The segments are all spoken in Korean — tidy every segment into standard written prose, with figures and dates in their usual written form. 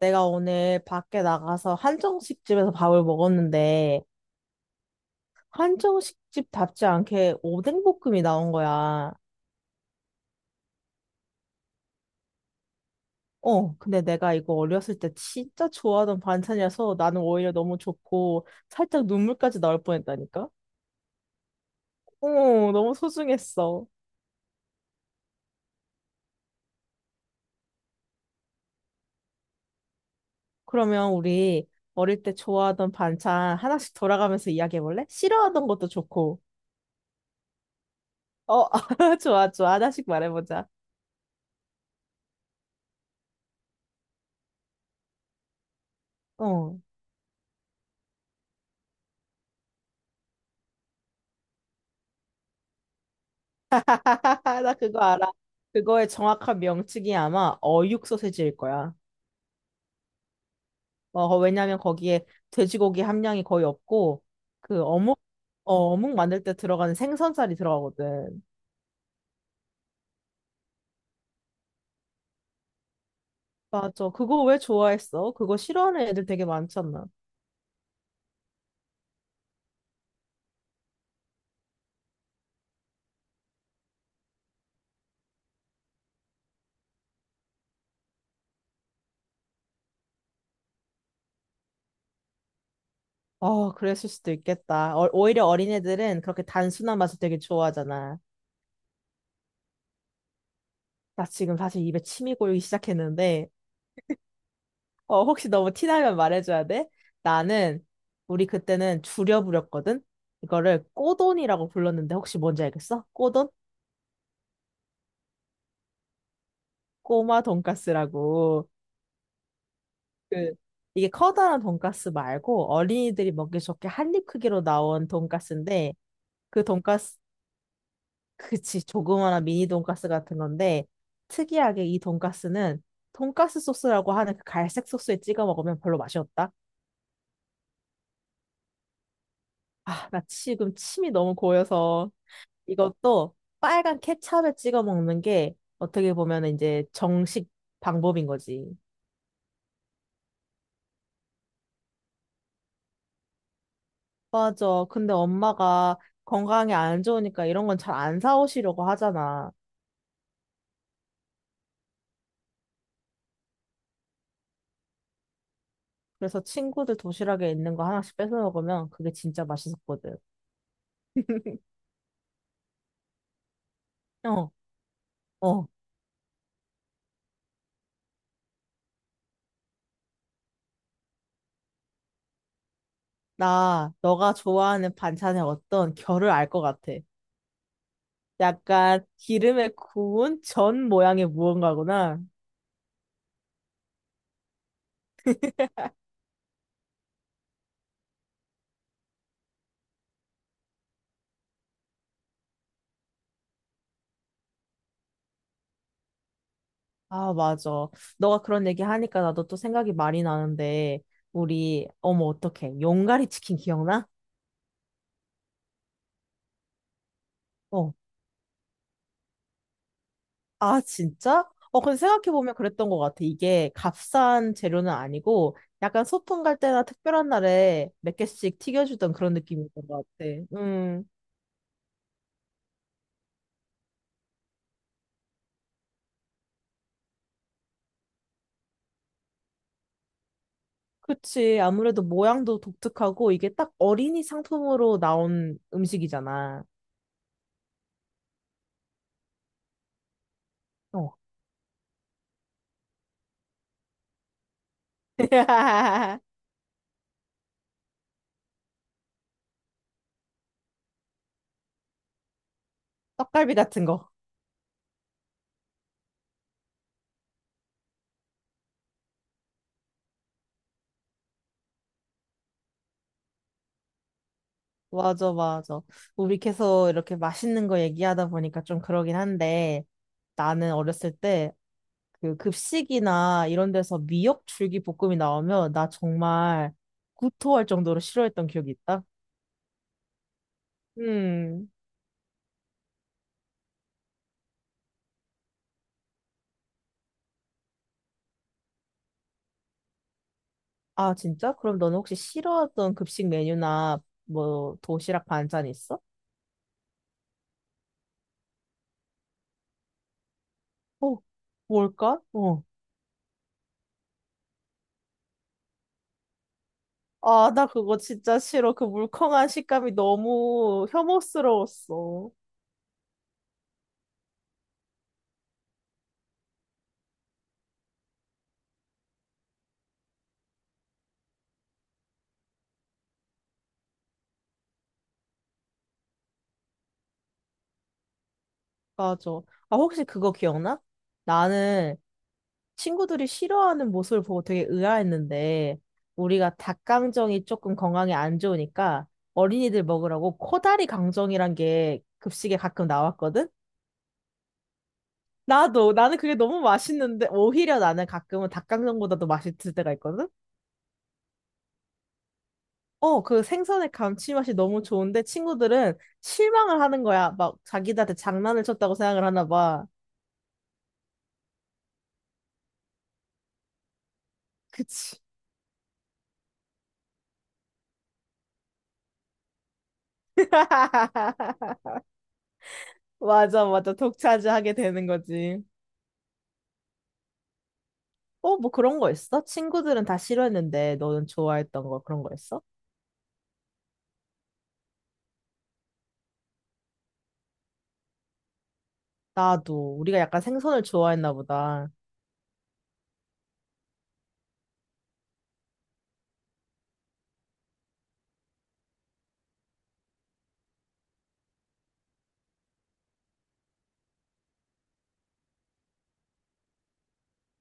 내가 오늘 밖에 나가서 한정식 집에서 밥을 먹었는데, 한정식 집답지 않게 오뎅볶음이 나온 거야. 근데 내가 이거 어렸을 때 진짜 좋아하던 반찬이라서 나는 오히려 너무 좋고, 살짝 눈물까지 나올 뻔했다니까? 어, 너무 소중했어. 그러면 우리 어릴 때 좋아하던 반찬 하나씩 돌아가면서 이야기해볼래? 싫어하던 것도 좋고. 어, 좋아, 좋아. 하나씩 말해보자. 어. 나 그거 알아. 그거의 정확한 명칭이 아마 어육 소세지일 거야. 왜냐면 거기에 돼지고기 함량이 거의 없고, 그 어묵, 어, 어묵 만들 때 들어가는 생선살이 들어가거든. 맞아. 그거 왜 좋아했어? 그거 싫어하는 애들 되게 많잖아. 어, 그랬을 수도 있겠다. 어, 오히려 어린애들은 그렇게 단순한 맛을 되게 좋아하잖아. 나 지금 사실 입에 침이 고이기 시작했는데, 어, 혹시 너무 티나면 말해줘야 돼? 나는, 우리 그때는 줄여 부렸거든? 이거를 꼬돈이라고 불렀는데 혹시 뭔지 알겠어? 꼬돈? 꼬마 돈까스라고. 그, 이게 커다란 돈까스 말고 어린이들이 먹기 좋게 한 입 크기로 나온 돈까스인데 그 돈까스, 그치, 조그마한 미니 돈까스 같은 건데 특이하게 이 돈까스는 돈까스 소스라고 하는 그 갈색 소스에 찍어 먹으면 별로 맛이 없다. 아, 나 지금 침이 너무 고여서. 이것도 빨간 케찹에 찍어 먹는 게 어떻게 보면 이제 정식 방법인 거지. 맞아. 근데 엄마가 건강에 안 좋으니까 이런 건 잘 안 사오시려고 하잖아. 그래서 친구들 도시락에 있는 거 하나씩 뺏어 먹으면 그게 진짜 맛있었거든. 어, 어. 나 너가 좋아하는 반찬의 어떤 결을 알 것 같아. 약간 기름에 구운 전 모양의 무언가구나. 아, 맞아. 너가 그런 얘기 하니까 나도 또 생각이 많이 나는데, 우리, 어머, 어떡해. 용가리 치킨 기억나? 어. 아, 진짜? 근데 생각해보면 그랬던 것 같아. 이게 값싼 재료는 아니고, 약간 소풍 갈 때나 특별한 날에 몇 개씩 튀겨주던 그런 느낌이었던 것 같아. 음, 그치. 아무래도 모양도 독특하고, 이게 딱 어린이 상품으로 나온 음식이잖아. 어. 떡갈비 같은 거. 맞아, 맞아. 우리 계속 이렇게 맛있는 거 얘기하다 보니까 좀 그러긴 한데, 나는 어렸을 때 그 급식이나 이런 데서 미역 줄기볶음이 나오면 나 정말 구토할 정도로 싫어했던 기억이 있다. 음. 아, 진짜? 그럼 너는 혹시 싫어했던 급식 메뉴나 뭐 도시락 반찬 있어? 어, 뭘까? 어. 아, 나 그거 진짜 싫어. 그 물컹한 식감이 너무 혐오스러웠어. 맞아. 아, 혹시 그거 기억나? 나는 친구들이 싫어하는 모습을 보고 되게 의아했는데, 우리가 닭강정이 조금 건강에 안 좋으니까 어린이들 먹으라고 코다리 강정이란 게 급식에 가끔 나왔거든? 나도, 나는 그게 너무 맛있는데, 오히려 나는 가끔은 닭강정보다도 맛있을 때가 있거든? 어, 그 생선의 감칠맛이 너무 좋은데 친구들은 실망을 하는 거야. 막 자기들한테 장난을 쳤다고 생각을 하나 봐. 그치. 맞아, 맞아. 독차지하게 되는 거지. 어, 뭐 그런 거 있어? 친구들은 다 싫어했는데 너는 좋아했던 거 그런 거 있어? 나도. 우리가 약간 생선을 좋아했나 보다.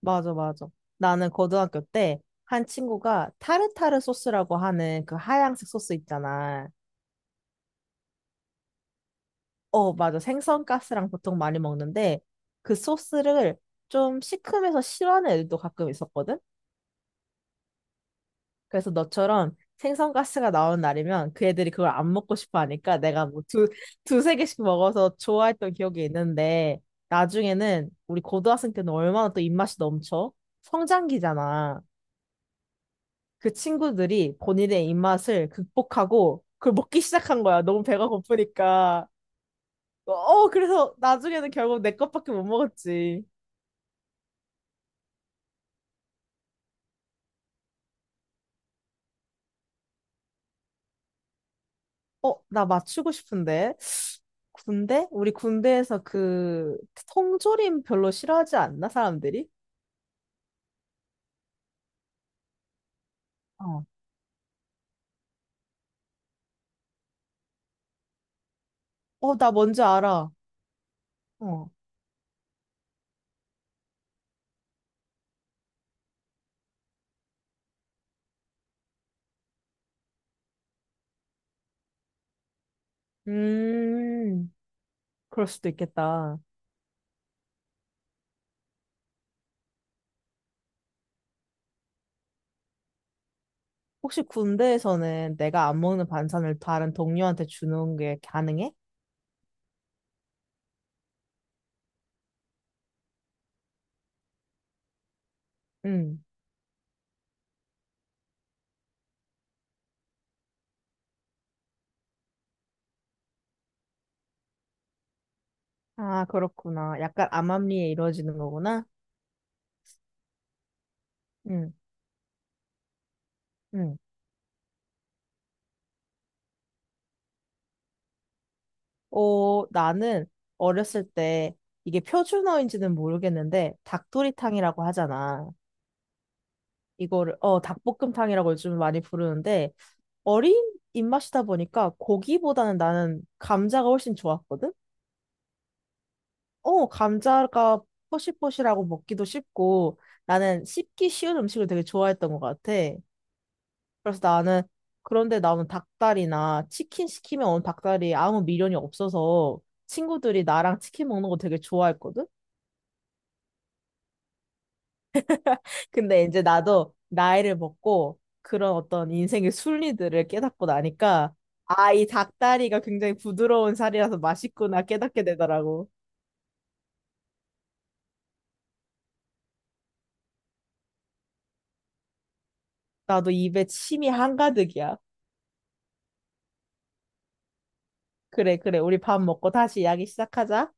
맞아, 맞아. 나는 고등학교 때 한 친구가 타르타르 소스라고 하는 그 하얀색 소스 있잖아. 어, 맞아. 생선가스랑 보통 많이 먹는데 그 소스를 좀 시큼해서 싫어하는 애들도 가끔 있었거든? 그래서 너처럼 생선가스가 나오는 날이면 그 애들이 그걸 안 먹고 싶어 하니까 내가 뭐 두, 두세 개씩 먹어서 좋아했던 기억이 있는데 나중에는 우리 고등학생 때는 얼마나 또 입맛이 넘쳐? 성장기잖아. 그 친구들이 본인의 입맛을 극복하고 그걸 먹기 시작한 거야. 너무 배가 고프니까. 어, 그래서 나중에는 결국 내 것밖에 못 먹었지. 어, 나 맞추고 싶은데. 군대? 우리 군대에서 그 통조림 별로 싫어하지 않나, 사람들이? 어. 어, 나 뭔지 알아. 어. 음, 그럴 수도 있겠다. 혹시 군대에서는 내가 안 먹는 반찬을 다른 동료한테 주는 게 가능해? 응. 아, 그렇구나. 약간 암암리에 이루어지는 거구나. 응, 응. 어, 나는 어렸을 때 이게 표준어인지는 모르겠는데 닭도리탕이라고 하잖아. 이거를 어 닭볶음탕이라고 요즘 많이 부르는데 어린 입맛이다 보니까 고기보다는 나는 감자가 훨씬 좋았거든. 어 감자가 포실포실하고 먹기도 쉽고 나는 씹기 쉬운 음식을 되게 좋아했던 것 같아. 그래서 나는 그런데 나오는 닭다리나 치킨 시키면 오는 닭다리 아무 미련이 없어서 친구들이 나랑 치킨 먹는 거 되게 좋아했거든. 근데 이제 나도 나이를 먹고 그런 어떤 인생의 순리들을 깨닫고 나니까 아, 이 닭다리가 굉장히 부드러운 살이라서 맛있구나 깨닫게 되더라고. 나도 입에 침이 한가득이야. 그래, 그래. 우리 밥 먹고 다시 이야기 시작하자.